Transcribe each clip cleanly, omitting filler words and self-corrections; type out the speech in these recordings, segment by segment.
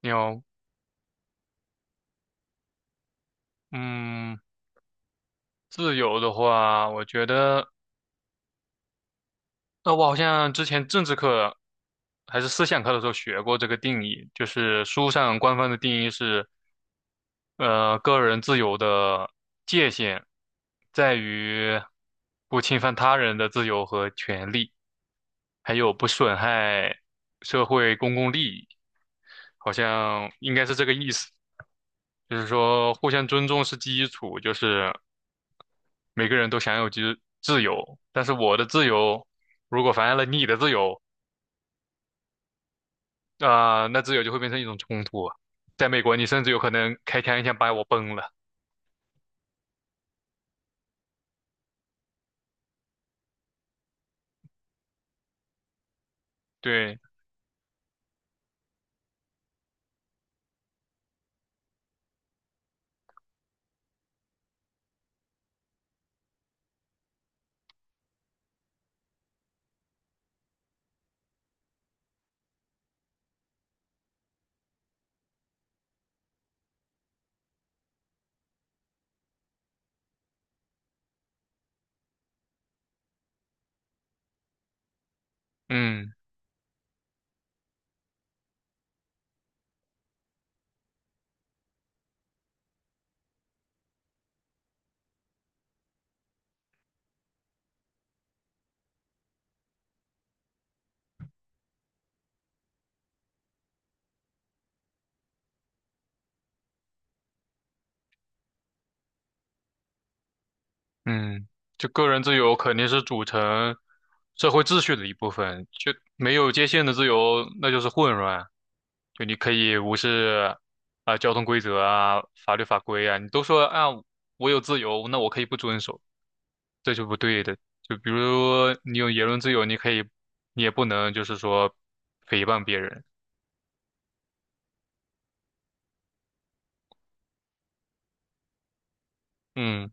你有，嗯，自由的话，我觉得，我好像之前政治课还是思想课的时候学过这个定义，就是书上官方的定义是，个人自由的界限在于不侵犯他人的自由和权利，还有不损害社会公共利益，好像应该是这个意思。就是说互相尊重是基础，就是每个人都享有自由，但是我的自由如果妨碍了你的自由，啊、那自由就会变成一种冲突啊。在美国，你甚至有可能开枪一枪把我崩了。对，嗯。嗯，就个人自由肯定是组成社会秩序的一部分，就没有界限的自由，那就是混乱。就你可以无视啊、交通规则啊、法律法规啊，你都说啊我有自由，那我可以不遵守，这就不对的。就比如你有言论自由，你可以，你也不能就是说诽谤别人。嗯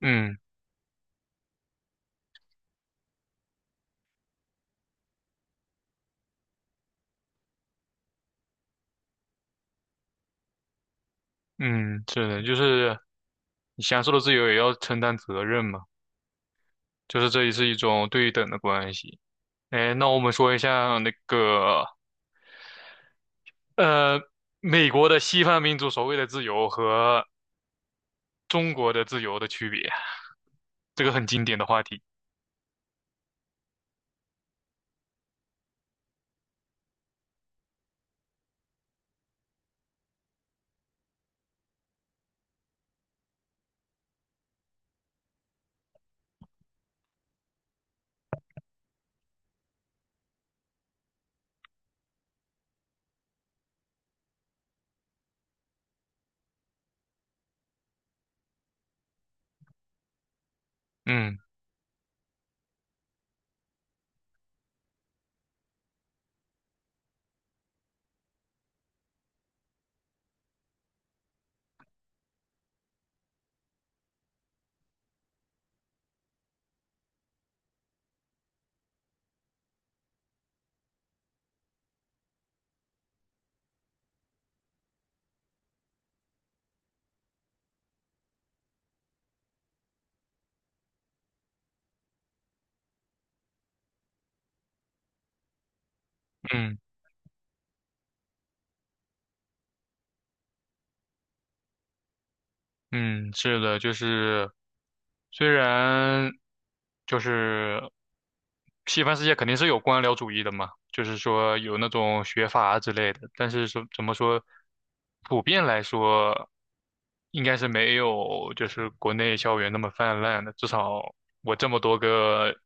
嗯嗯，是的，就是你享受的自由也要承担责任嘛，就是这也是一种对等的关系。哎，那我们说一下那个呃，美国的西方民族所谓的自由和中国的自由的区别，这个很经典的话题。嗯嗯。嗯，是的，就是虽然就是西方世界肯定是有官僚主义的嘛，就是说有那种学阀之类的，但是说怎么说，普遍来说应该是没有就是国内校园那么泛滥的，至少我这么多个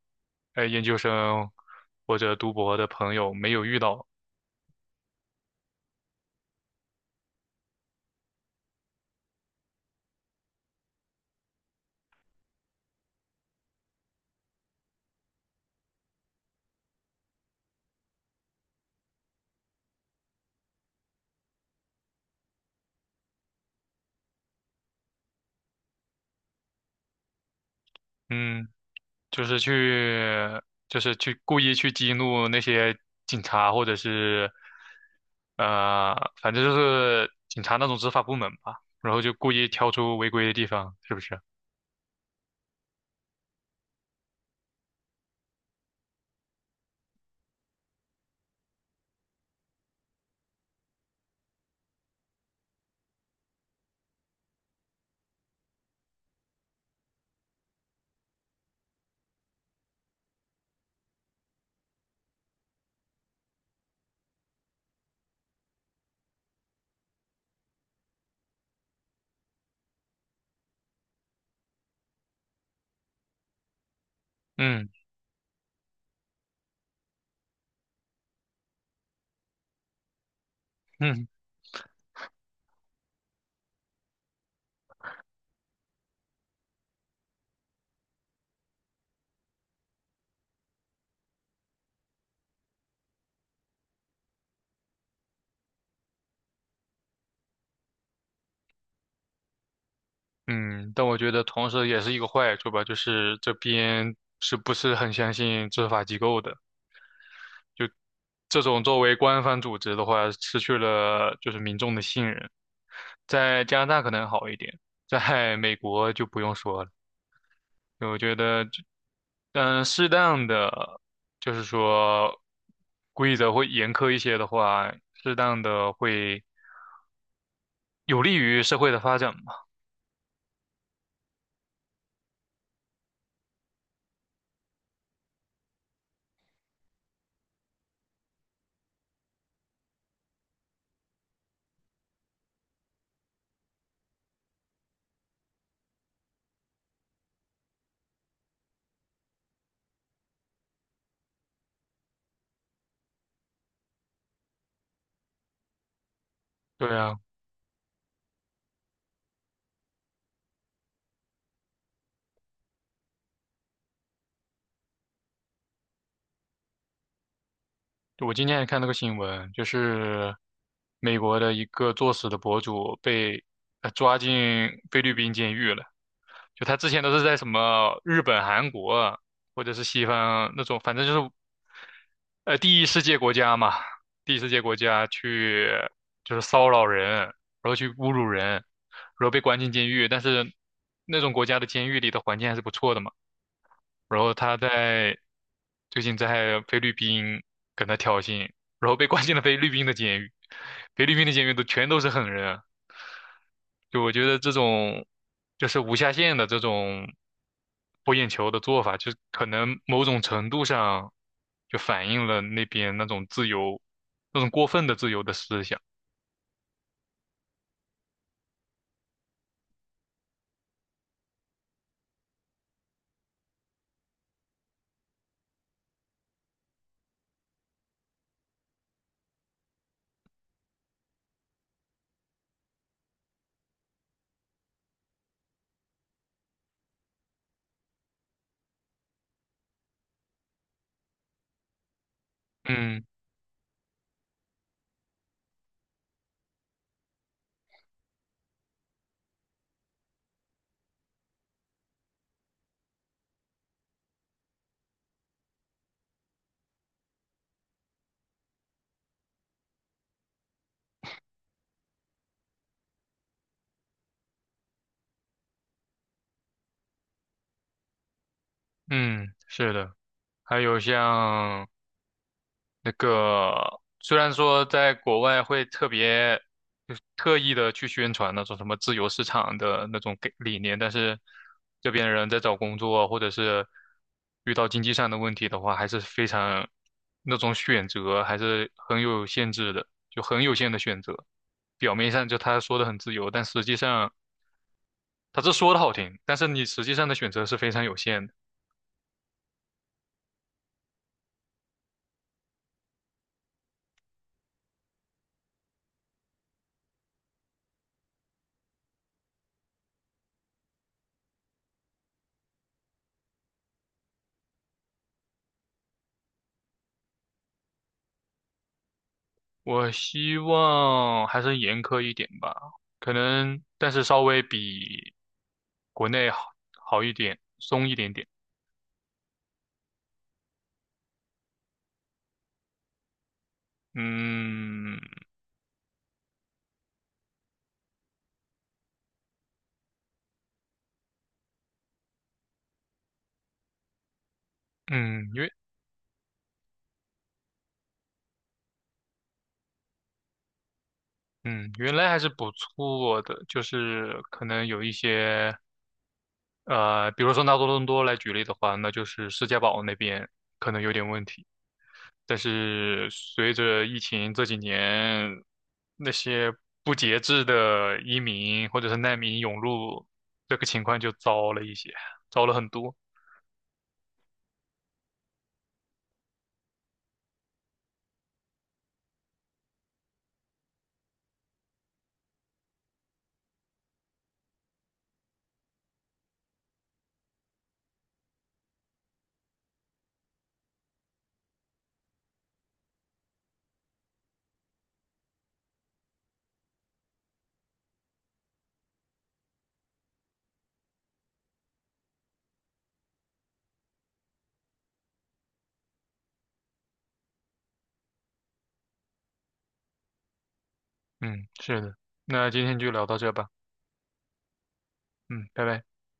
研究生或者读博的朋友没有遇到。嗯。就是去，就是去故意去激怒那些警察，或者是，呃，反正就是警察那种执法部门吧，然后就故意挑出违规的地方，是不是？嗯嗯嗯，但我觉得同时也是一个坏处吧，就是这边是不是很相信执法机构的？就这种作为官方组织的话，失去了就是民众的信任。在加拿大可能好一点，在美国就不用说了。对，我觉得但适当的就是说规则会严苛一些的话，适当的会有利于社会的发展嘛。对啊，我今天还看那个新闻，就是美国的一个作死的博主被抓进菲律宾监狱了。就他之前都是在什么日本、韩国或者是西方那种，反正就是第一世界国家嘛，第一世界国家去就是骚扰人，然后去侮辱人，然后被关进监狱。但是那种国家的监狱里的环境还是不错的嘛。然后他在最近在菲律宾跟他挑衅，然后被关进了菲律宾的监狱，菲律宾的监狱都全都是狠人啊，就我觉得这种就是无下限的这种博眼球的做法，就是可能某种程度上就反映了那边那种自由，那种过分的自由的思想。嗯嗯，是的，还有像。那个虽然说在国外会特别就是特意的去宣传那种什么自由市场的那种给理念，但是这边人在找工作啊或者是遇到经济上的问题的话，还是非常那种选择还是很有限制的，就很有限的选择。表面上就他说的很自由，但实际上他这说的好听，但是你实际上的选择是非常有限的。我希望还是严苛一点吧，可能，但是稍微比国内好一点，松一点点。嗯嗯，原来还是不错的，就是可能有一些。比如说拿多伦多来举例的话，那就是世界堡那边可能有点问题。但是随着疫情这几年，那些不节制的移民或者是难民涌入，这个情况就糟了一些，糟了很多。嗯，是的。那今天就聊到这吧。嗯，拜拜。